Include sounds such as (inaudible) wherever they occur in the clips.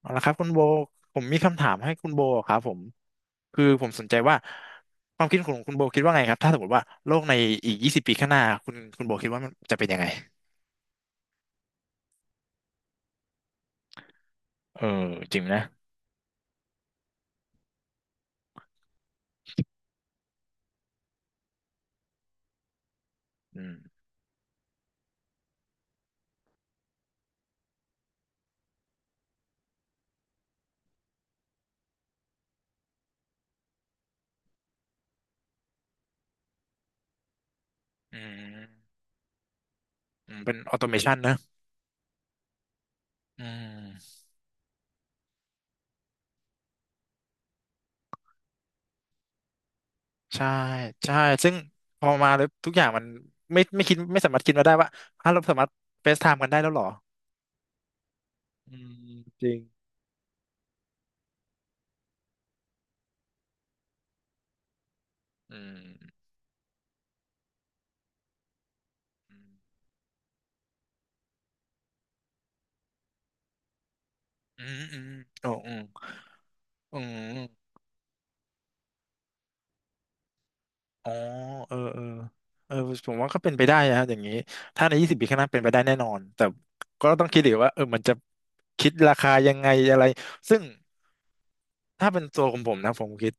เอาละครับคุณโบผมมีคำถามให้คุณโบครับผมคือผมสนใจว่าความคิดของคุณโบคิดว่าไงครับถ้าสมมติว่าโลกในอีกยี่สิบปีข้างหน้าคุณโบคิดว่ามันจะเป็นยังไงเออจริงนะอืมอืมอืมเป็นออโตเมชันนะอืมใช่ใช่ซึ่งพอมาแล้วทุกอย่างมันไม่สามารถคิดมาได้ว่าฮะเราสามารถเฟซไทม์กันได้แล้วเหรออืมจริงอืมอืมอืมอืมโอ้อืมอืม อ๋อเออเออผมว่าก็เป็นไปได้นะฮะอย่างนี้ถ้าในยี่สิบปีข้างหน้าเป็นไปได้แน่นอนแต่ก็ต้องคิดอีกว่ามันจะคิดราคายังไงอะไรซึ่งถ้าเป็นตัวของผมนะผมคิด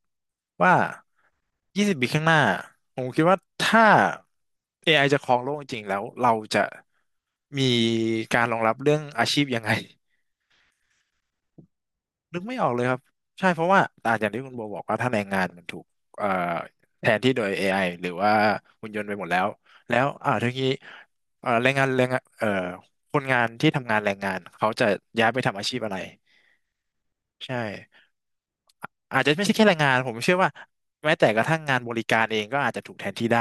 ว่ายี่สิบปีข้างหน้าผมคิดว่าถ้า AI จะครองโลกจริงๆแล้วเราจะมีการรองรับเรื่องอาชีพยังไง นึกไม่ออกเลยครับใช่เพราะว่าอย่างที่คุณโบบอกว่าถ้าแรงงานมันถูกเอ่อแทนที่โดย AI หรือว่าหุ่นยนต์ไปหมดแล้วแล้วทีนี้เอ่อแรงงานแรงงานเอ่อคนงานที่ทำงานแรงงานเขาจะย้ายไปทำอาชีพอะไรใช่อาจจะไม่ใช่แค่แรงงานผมเชื่อว่าแม้แต่กระทั่งงานบริการเองก็อาจจะถูกแทนที่ได้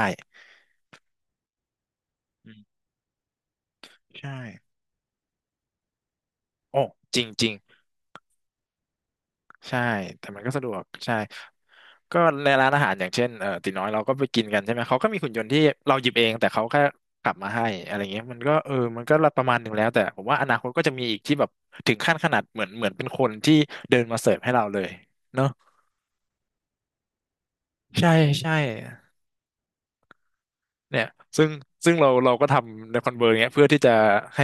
อืมใช่โอ้จริงจริงใช่แต่มันก็สะดวกใช่ ก็ในร้านอาหารอย่างเช่นตีน้อยเราก็ไปกินกันใช่ไหมเขาก็มีหุ่นยนต์ที่เราหยิบเองแต่เขาแค่กลับมาให้อะไรเงี้ยมันก็มันก็ประมาณหนึ่งแล้วแต่ผมว่าอนาคตก็จะมีอีกที่แบบถึงขั้นขนาดเหมือนเป็นคนที่เดินมาเสิร์ฟให้เราเลยเนาะใช่ใช่เนี่ยซึ่งซึ่งเราก็ทำในคอนเวอร์เงี้ยเพื่อที่จะให้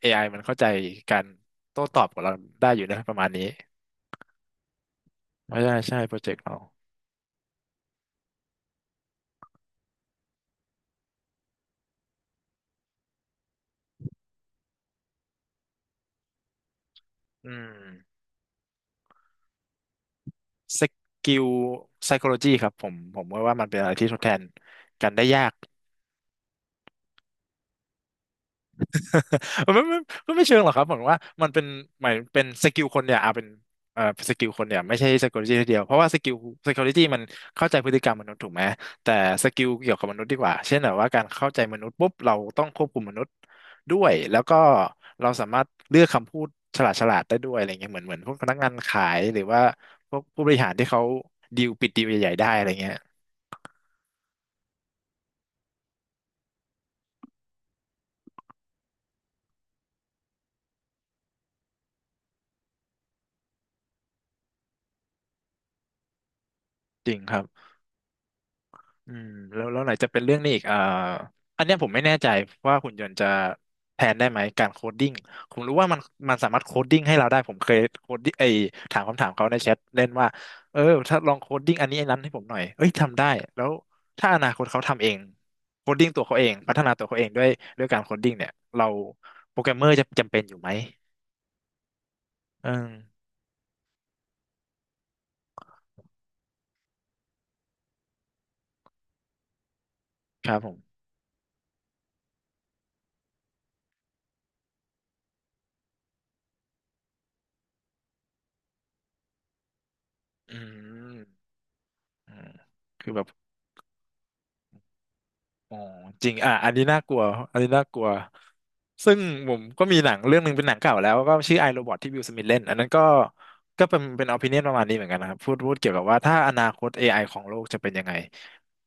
AI มันเข้าใจการโต้ตอบกับเราได้อยู่นะประมาณนี้ใช่ใช่โปรเจกต์เราอืม สกิล psychology ครับผมผมว่ามันเป็นอะไรที่ทดแทนกันได้ยาก (laughs) ไมันไม่ไม่ไม่เชิงหรอกครับผมว่ามันเป็นหมายเป็นสกิลคนเนี่ยเอาเป็นเอ่อสกิลคนเนี่ยไม่ใช่ psychology ทีเดียวเพราะว่าสกิล psychology มันเข้าใจพฤติกรรมมนุษย์ถูกไหมแต่สกิลเกี่ยวกับมนุษย์ดีกว่าเช่นแบบว่าการเข้าใจมนุษย์ปุ๊บเราต้องควบคุมมนุษย์ด้วยแล้วก็เราสามารถเลือกคำพูดฉลาดฉลาดได้ด้วยอะไรเงี้ยเหมือนพวกพนักงานขายหรือว่าพวกผู้บริหารที่เขาดีลปิดดีลใหญ่ๆได้อะไรเงี้ยจริงครับ อืมแล้วแล้วไหนจะเป็นเรื่องนี้อีกอันเนี้ยผมไม่แน่ใจว่าหุ่นยนต์จะแทนได้ไหมการโคดดิ้งผมรู้ว่ามันสามารถโคดดิ้งให้เราได้ผมเคยโคดดิ้งไอถามคำถามเขาในแชทเล่นว่าเออถ้าลองโคดดิ้งอันนี้อันนั้นให้ผมหน่อยเอ้ยทำได้แล้วถ้าอนาคตเขาทำเองโคดดิ้งตัวเขาเองพัฒนาตัวเขาเองด้วยการโคดดิ้งเนี่ยเราโปรแกรมเมอร์จะจำเป็นอยู่ไหมเออครับผมอืมอืมคือแบบ อ๋อจริงอ่ะอันนี้น่ากลัวอันนี้น่ากลัวซึ่งผมก็มีหนังเรื่องหนึ่งเป็นหนังเก่าแล้วก็ชื่อไอโรบอทที่วิลสมิธเล่นอันนั้นก็ก็เป็นอ p ิ n i o n นประมาณนี้เหมือนกันนะครับพูดเกี่ยวกับว่าถ้าอนาคต AI ของโลกจะเป็นยังไง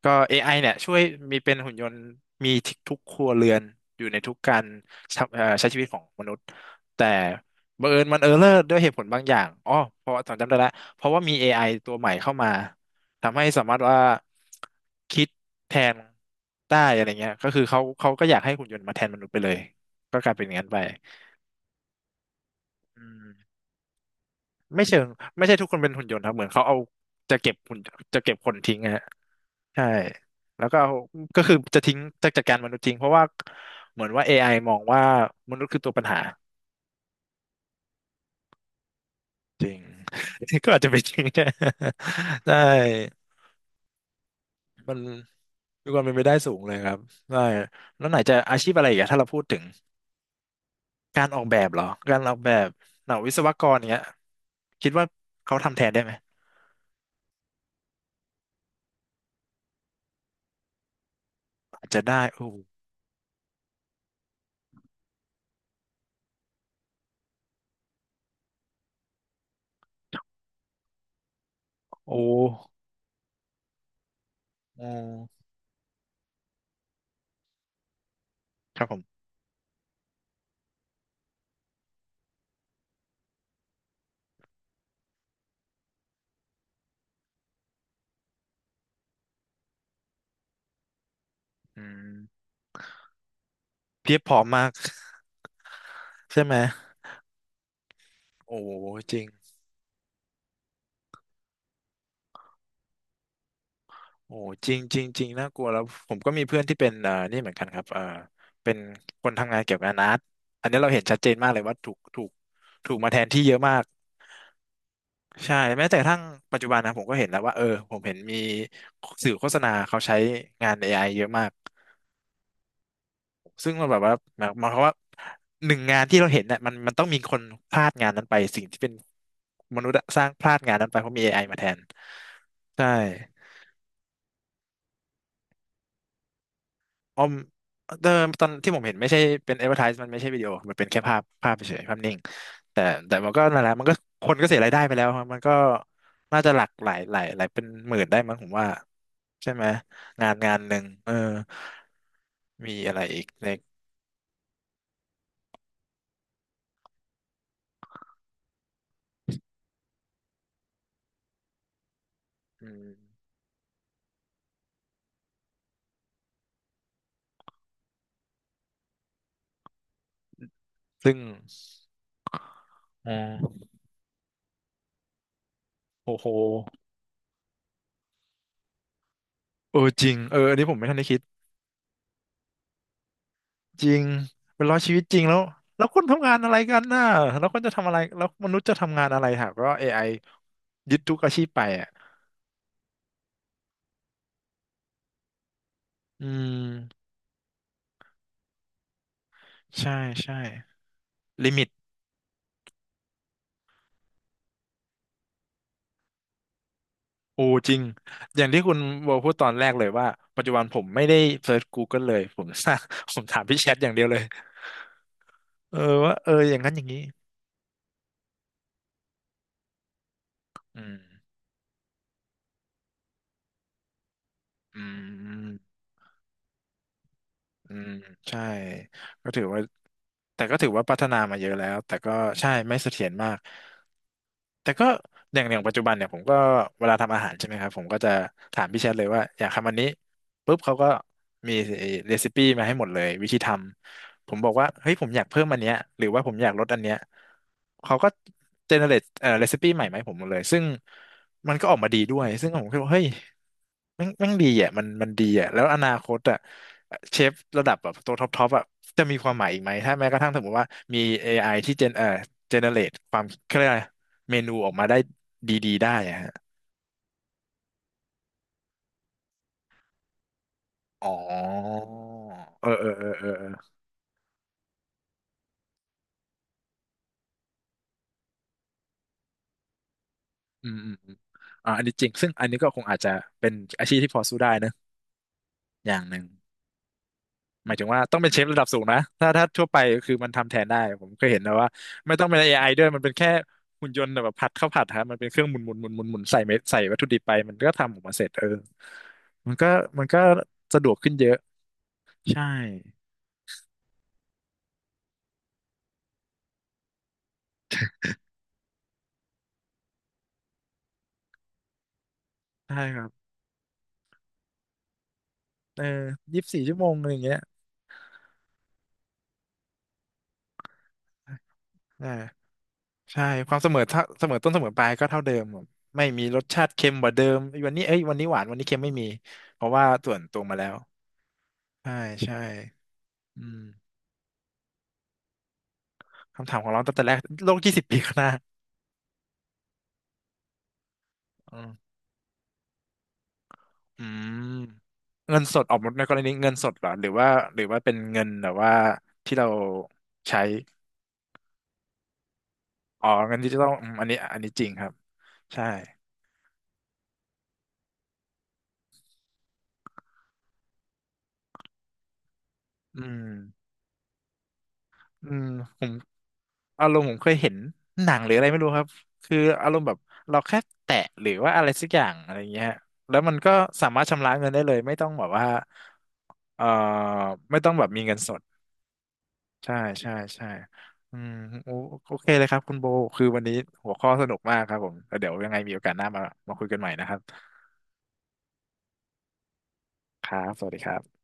ก็ AI เนี่ยช่วยมีเป็นหุ่นยนต์มีทุกครัวเรือนอยู่ในทุกการใช้ใช้ชีวิตของมนุษย์แต่บังเอิญมันเออร์เลอร์ด้วยเหตุผลบางอย่างอ๋อเพราะจำได้แล้วเพราะว่ามี AI ตัวใหม่เข้ามาทำให้สามารถว่าคิดแทนได้อะไรเงี้ยก็คือเขาก็อยากให้หุ่นยนต์มาแทนมนุษย์ไปเลยก็กลายเป็นอย่างนั้นไปอืม ไม่เชิงไม่ใช่ทุกคนเป็นหุ่นยนต์ครับเหมือนเขาเอาจะเก็บหุ่นจะเก็บคนทิ้งอะฮะใช่แล้วก็เอาก็คือจะทิ้งจะจัดการมนุษย์ทิ้งเพราะว่าเหมือนว่า AI มองว่ามนุษย์คือตัวปัญหาจริง (laughs) ก็อาจจะเป็นจริง (laughs) ใช่ได้มันมีความเป็นไปได้สูงเลยครับได้แล้วไหนจะอาชีพอะไรอีกอะถ้าเราพูดถึงการออกแบบเหรอการออกแบบหน่าวิศวกรเนี้ยคิดว่าเขาทำแทนได้ไหมอาจจะได้โอ้โหโอ้โหครับผมอืม เพียบผอมมากใช่ไหมโอ้โหจริงโอ้โหจริงจริงจริงน่ากลัวแล้วผมก็มีเพื่อนที่เป็นนี่เหมือนกันครับเป็นคนทำงานเกี่ยวกับอาร์ตอันนี้เราเห็นชัดเจนมากเลยว่าถูกมาแทนที่เยอะมากใช่แม้แต่กระทั่งปัจจุบันนะผมก็เห็นแล้วว่าผมเห็นมีสื่อโฆษณาเขาใช้งานเอไอเยอะมากซึ่งมันแบบว่าหมายความว่าหนึ่งงานที่เราเห็นเนี่ยมันต้องมีคนพลาดงานนั้นไปสิ่งที่เป็นมนุษย์อะสร้างพลาดงานนั้นไปเพราะมีเอไอมาแทนใช่ ออมเดิมตอนที่ผมเห็นไม่ใช่เป็น advertise มันไม่ใช่วิดีโอมันเป็นแค่ภาพเฉยๆภาพนิ่งแต่แต่มันก็นั่นแหละมันก็คนก็เสียรายได้ไปแล้วครับมันก็น่าจะหลักหลายเป็นหมื่นได้มั้งผมว่าใช่ไหมงานงานหนึ่งเออมีอะไรอีกเล็กอืมซึ่งอ๋อโอ้โหเออจริงอันนี้ผมไม่ทันได้คิดจริงเป็นร้อยชีวิตจริงแล้วแล้วคนทำงานอะไรกันน่ะแล้วคนจะทำอะไรแล้วมนุษย์จะทำงานอะไรหากว่าเอไอยึดทุกอาชีพไป อืมใช่ใช่ลิมิตโอจริงอย่างที่คุณวอลพูดตอนแรกเลยว่าปัจจุบันผมไม่ได้เซิร์ช Google เลยผม (laughs) สร้างผมถามพี่แชทอย่างเดียวเลยเออว่าอย่างนั้นอย่างนี้อืมอืม อืมใช่ก็ถือว่าแต่ก็ถือว่าพัฒนามาเยอะแล้วแต่ก็ใช่ไม่เสถียรมากแต่ก็อย่างอย่างปัจจุบันเนี่ยผมก็เวลาทำอาหารใช่ไหมครับผมก็จะถามพี่แชทเลยว่าอยากทำอันนี้ปุ๊บเขาก็มีเรซิปี้มาให้หมดเลยวิธีทำผมบอกว่าเฮ้ยผมอยากเพิ่มอันเนี้ยหรือว่าผมอยากลดอันเนี้ยเขาก็เจเนเรตเรซิปี้ใหม่มาให้ผมหมดเลยซึ่งมันก็ออกมาดีด้วยซึ่งผมคิดว่าเฮ้ย แม่งดีอ่ะมันดีอ่ะแล้วอนาคตอ่ะเชฟระดับแบบตัวท็อปท็อปอ่ะจะมีความหมายอีกไหมถ้าแม้กระทั่งสมมติว่ามี AI ที่เจนเจเนเรตความเขาเรียกอะไรเมนูออกมาได้ดีๆได้อะฮะอ๋อเออเออเออเออเอออืมอืมอมอันนี้จริงซึ่งอันนี้ก็คงอาจจะเป็นอาชีพที่พอสู้ได้นะอย่างหนึ่ง หมายถึงว่าต้องเป็นเชฟระดับสูงนะถ้าทั่วไปคือมันทำแทนได้ผมเคยเห็นนะว่าไม่ต้องเป็น AI ด้วยมันเป็นแค่หุ่นยนต์แบบผัดข้าวผัดฮะมันเป็นเครื่องหมุนหมุนหมุนหมุนหมุนใส่เม็ดใส่วัตถุดิบไปมันก็ทำออกมาเสร็จเออมันก็มันก็สะดวกขึ้นเยอะใช่ใช่ครับเออ24 ชั่วโมงอะไรอย่างเงี้ยใช่ใช่ความเสมอเท่าเสมอต้นเสมอปลายก็เท่าเดิมผมไม่มีรสชาติเค็มกว่าเดิมวันนี้เอ้ยวันนี้หวานวันนี้เค็มไม่มีเพราะว่าส่วนตวงมาแล้วใช่ใช่อืม คำถามของเราตั้งแต่แรกโลก20 ปีข้างหน้าอืมอืมเงินสดออกหมดในกรณีเงินสดเหรอหรือว่าหรือว่าเป็นเงินแบบว่าที่เราใช้อ๋อเงินดิจิตอลอมอันนี้จริงครับใช่อืมอืมผมอารมณ์ผมเคยเห็นหนังหรืออะไรไม่รู้ครับคืออารมณ์แบบเราแค่แตะหรือว่าอะไรสักอย่างอะไรเงี้ยแล้วมันก็สามารถชำระเงินได้เลยไม่ต้องแบบว่าเอ่อไม่ต้องแบบมีเงินสด ใช่ใช่ใช่อืมโอโอเคเลยครับคุณโบคือวันนี้หัวข้อสนุกมากครับผมแล้วเดี๋ยวยังไงมีโอกาสหน้ามาคุยกันใหม่นะครับครับสวัสดีครับ